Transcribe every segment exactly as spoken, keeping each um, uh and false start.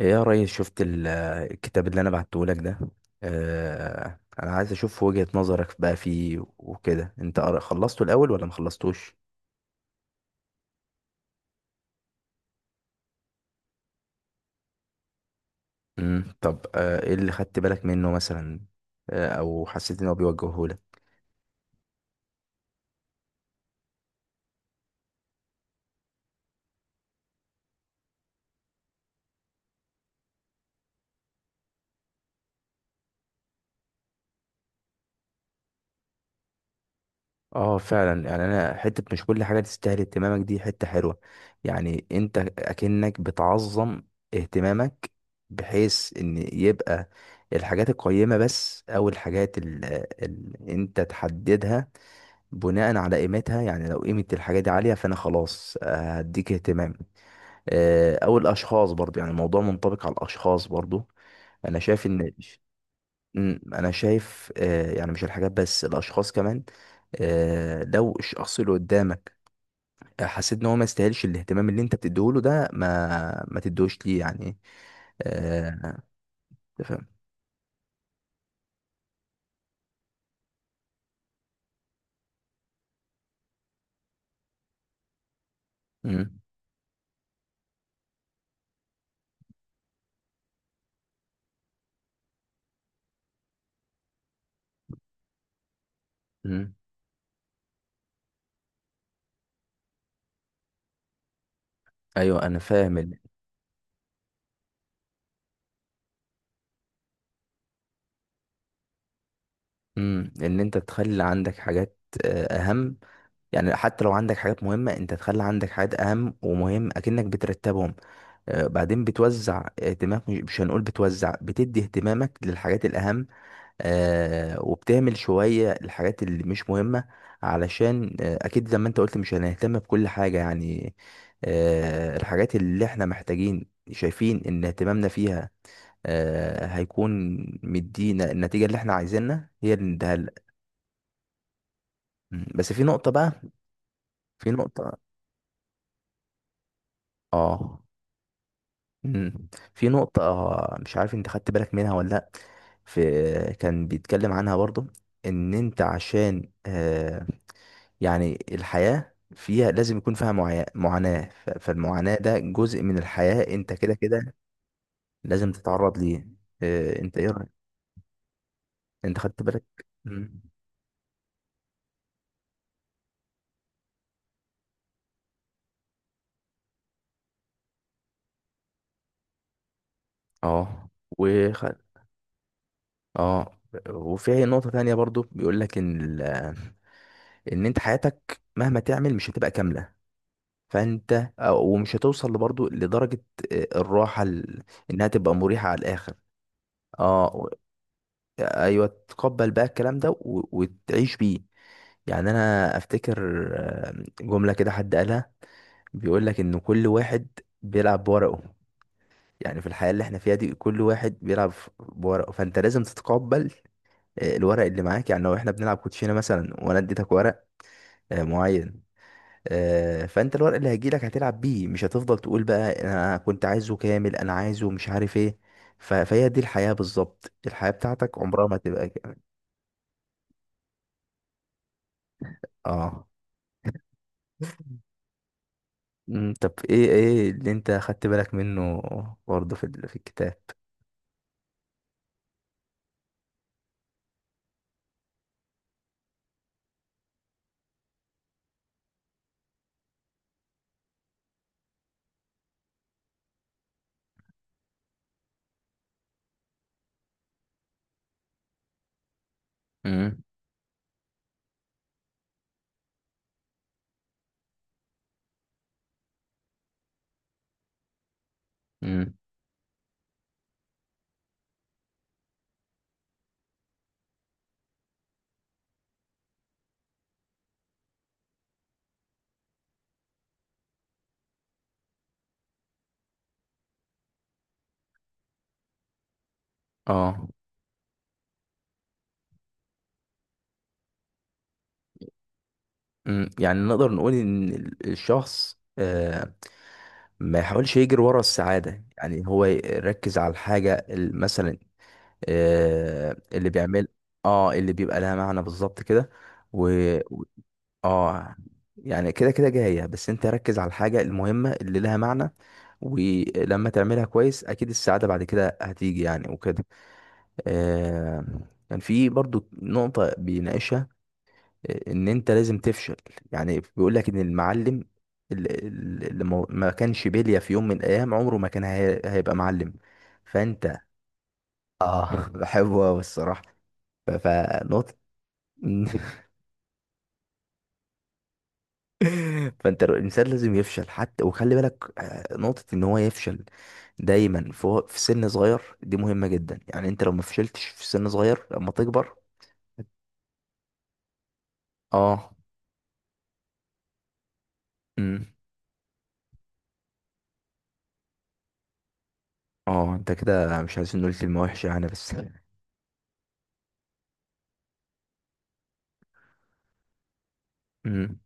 ايه يا ريس؟ شفت ال- الكتاب اللي انا بعته لك ده. آه، انا عايز اشوف وجهة نظرك بقى فيه وكده. انت قر- خلصته الاول ولا ما خلصتوش؟ امم طب، آه، ايه اللي خدت بالك منه مثلا؟ آه، او حسيت ان هو بيوجهه لك؟ اه، فعلا. يعني انا حتة مش كل حاجة تستاهل اهتمامك دي حتة حلوة. يعني انت اكنك بتعظم اهتمامك، بحيث ان يبقى الحاجات القيمة بس او الحاجات اللي انت تحددها بناء على قيمتها. يعني لو قيمة الحاجة دي عالية فأنا خلاص، آه، هديك اهتمام. آه، أو الأشخاص برضو. يعني الموضوع منطبق على الأشخاص برضو. أنا شايف إن مم، أنا شايف، آه، يعني مش الحاجات بس، الأشخاص كمان. آه، لو الشخص اللي قدامك، آه، حسيت إن هو ما يستاهلش الاهتمام اللي أنت بتديهوله ده، ما ما تدوش ليه يعني. آه. تفهم؟ مم. مم. أيوه، أنا فاهم. ال- مم، إن أنت تخلي عندك حاجات، آه، أهم. يعني حتى لو عندك حاجات مهمة انت تخلي عندك حاجات اهم، ومهم اكنك بترتبهم. آه، بعدين بتوزع اهتمامك، مش مش هنقول بتوزع، بتدي اهتمامك للحاجات الاهم. آه، وبتهمل شوية الحاجات اللي مش مهمة. علشان آه، اكيد زي ما انت قلت مش هنهتم بكل حاجة يعني. آه، الحاجات اللي احنا محتاجين شايفين ان اهتمامنا فيها، آه، هيكون مدينا النتيجة اللي احنا عايزينها هي اللي نديها لك. مم. بس في نقطة بقى. في نقطة، اه. مم. في نقطة، آه، مش عارف انت خدت بالك منها ولا لأ. في، كان بيتكلم عنها برضو، ان انت عشان آه، يعني الحياة فيها لازم يكون فيها معا- معاناة، ف- فالمعاناة ده جزء من الحياة، انت كده كده لازم تتعرض ليه. آه، انت ايه رأيك؟ انت خدت بالك؟ مم. اه. وخد، اه، وفي نقطة تانية برضو بيقول لك ان ال- ان انت حياتك مهما تعمل مش هتبقى كاملة. فانت أو- ومش هتوصل برضو لدرجة، آه، الراحة ال- انها تبقى مريحة على الاخر. اه، و- ايوه، تقبل بقى الكلام ده، و- وتعيش بيه. يعني انا افتكر، آه، جملة كده حد قالها. بيقول لك ان كل واحد بيلعب بورقه. يعني في الحياة اللي احنا فيها دي كل واحد بيلعب ف- بورقه، فانت لازم تتقبل، آه، الورق اللي معاك. يعني لو احنا بنلعب كوتشينة مثلا، وانا اديتك ورق، آه، معين، آه، فانت الورق اللي هيجيلك هتلعب بيه. مش هتفضل تقول بقى انا كنت عايزه كامل، انا عايزه، مش عارف ايه. ف- فهي دي الحياة بالظبط. الحياة بتاعتك عمرها ما تبقى كامل. اه. أمم، طب ايه، ايه اللي انت خدت بالك منه برضه في ال- في الكتاب؟ امم امم اه. امم يعني نقدر نقول ان ال- الشخص، آه، ما يحاولش يجري ورا السعادة. يعني هو يركز على الحاجة ال- مثلا، آه، اللي بيعمل، اه اللي بيبقى لها معنى. بالظبط كده. و و- اه. يعني كده كده جاية، بس انت ركز على الحاجة المهمة اللي لها معنى، ولما تعملها كويس اكيد السعادة بعد كده هتيجي يعني وكده. آه، كان في برضو نقطة بيناقشها، آه، ان انت لازم تفشل. يعني بيقول لك ان المعلم، اللي اللي ما ما كانش بلية في يوم من الايام، عمره ما كان هي- هيبقى معلم. فانت اه بحبه أوي الصراحة. ف- فنقطة فانت الر- الانسان لازم يفشل. حتى وخلي بالك آه، نقطة ان هو يفشل دايما في هو- في سن صغير دي مهمة جدا. يعني انت لو ما فشلتش في سن صغير لما تكبر، اه. امم. اه، انت كده، مش عايزين نقول كلمة وحشة يعني بس امم.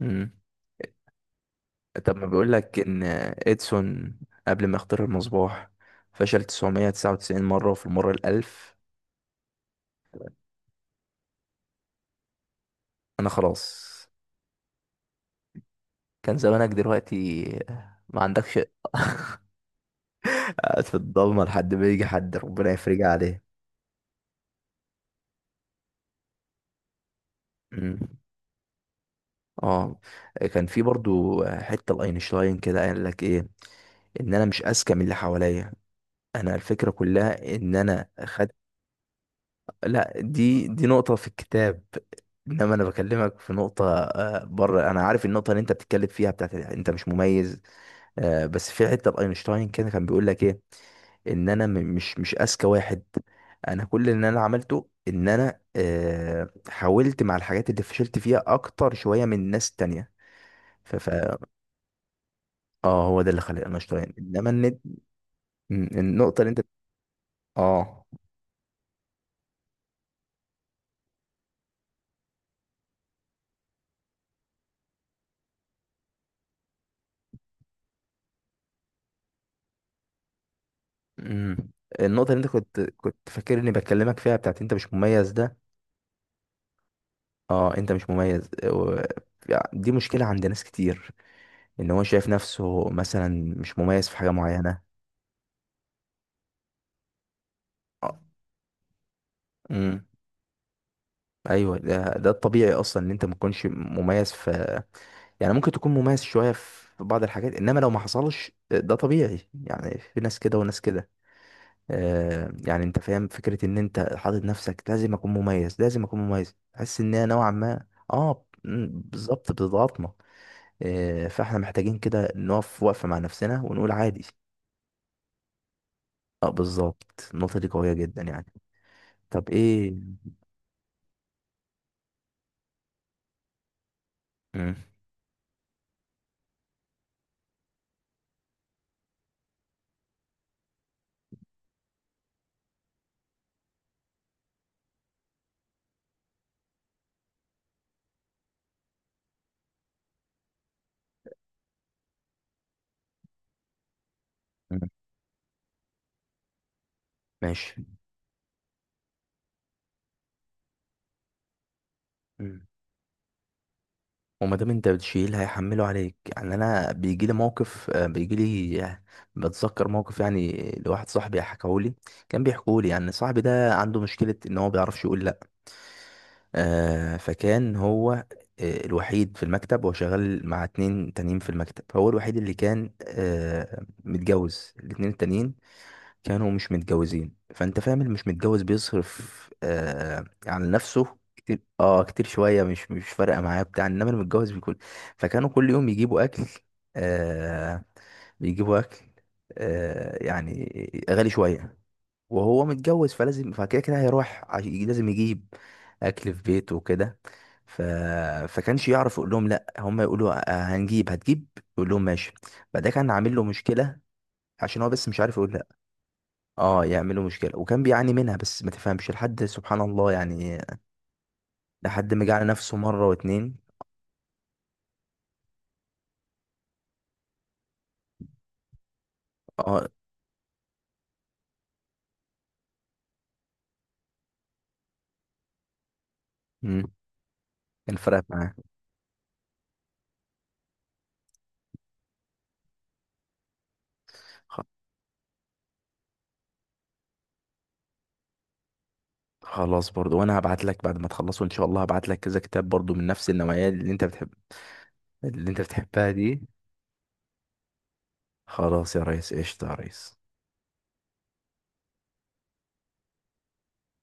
امم. طب ما بيقول لك ان اديسون قبل ما يخترع المصباح فشل تسعمية تسعة وتسعين مرة، وفي المرة الألف. انا خلاص. كان زمانك دلوقتي ما عندكش قاعد في الضلمة لحد ما يجي حد ربنا يفرجها عليه. مم. اه. كان في برضو حتة لاينشتاين كده قال لك ايه، ان انا مش اذكى من اللي حواليا. انا الفكرة كلها ان انا خد. لا، دي دي نقطة في الكتاب. انما انا بكلمك في نقطة، آه، بره. انا عارف النقطة اللي انت بتتكلم فيها بتاعت انت مش مميز. آه، بس في حتة لاينشتاين كده كان بيقول لك ايه، ان انا م- مش مش اذكى واحد. انا كل اللي انا عملته ان انا آه، حاولت مع الحاجات اللي فشلت فيها اكتر شويه من ناس تانية. ف ف اه، هو ده اللي خلاني انا اشتغل، انما النت. م- النقطه اللي انت، اه. مم. النقطه اللي انت كنت كنت فاكر اني بكلمك فيها بتاعت انت مش مميز ده. اه، انت مش مميز، آه، و، دي مشكله عند ناس كتير، ان هو شايف نفسه مثلا مش مميز في حاجه معينه. آه. مم. ايوه، ده ده الطبيعي اصلا ان انت ما تكونش مميز في. يعني ممكن تكون مميز شويه في بعض الحاجات، انما لو ما حصلش ده طبيعي يعني، في ناس كده وناس كده. آه، يعني انت فاهم فكره ان انت حاطط نفسك لازم اكون مميز لازم اكون مميز، تحس ان هي نوعا ما، اه. مم، بالظبط، بتضغطنا. آه، فاحنا محتاجين كده نقف وقفه مع نفسنا ونقول عادي. اه، بالظبط، النقطه دي قويه جدا يعني. طب ايه؟ مم. مم. ماشي. وما دام انت بتشيل هيحمله عليك. يعني انا بيجي لي موقف، آه، بيجي لي، آه، بتذكر موقف. يعني لواحد صاحبي حكاهولي، كان بيحكولي يعني. صاحبي ده عنده مشكلة ان هو ما بيعرفش يقول لا. آه، فكان هو آه، الوحيد في المكتب، وهو شغال مع اتنين تانيين في المكتب. هو الوحيد اللي كان، آه، متجوز. الاتنين التانيين كانوا مش متجوزين. فانت فاهم، اللي مش متجوز بيصرف آه، على نفسه كتير، اه كتير شويه، مش مش فارقه معاه بتاع، انما اللي متجوز بيكون. فكانوا كل يوم يجيبوا اكل، آه، بيجيبوا اكل، آه يعني، غالي شويه. وهو متجوز، فلازم، فكده كده هيروح، عش- لازم يجيب اكل في بيته وكده. ف... فكانش يعرف يقول لهم لا. هم يقولوا آه، هنجيب، هتجيب. يقول لهم ماشي. فده كان عامل له مشكله. عشان هو بس مش عارف يقول. اه، يعملوا مشكلة وكان بيعاني منها، بس ما تفهمش لحد سبحان الله يعني. لحد ما جه على نفسه مرة واتنين. اه. امم. كان فرقت معاه. خ- خلاص برضو. وانا هبعت لك بعد ما تخلصوا ان شاء الله هبعت لك كذا كتاب برضو من نفس النوعية اللي انت بتحب، اللي انت بتحبها دي. خلاص يا ريس، قشطة يا ريس.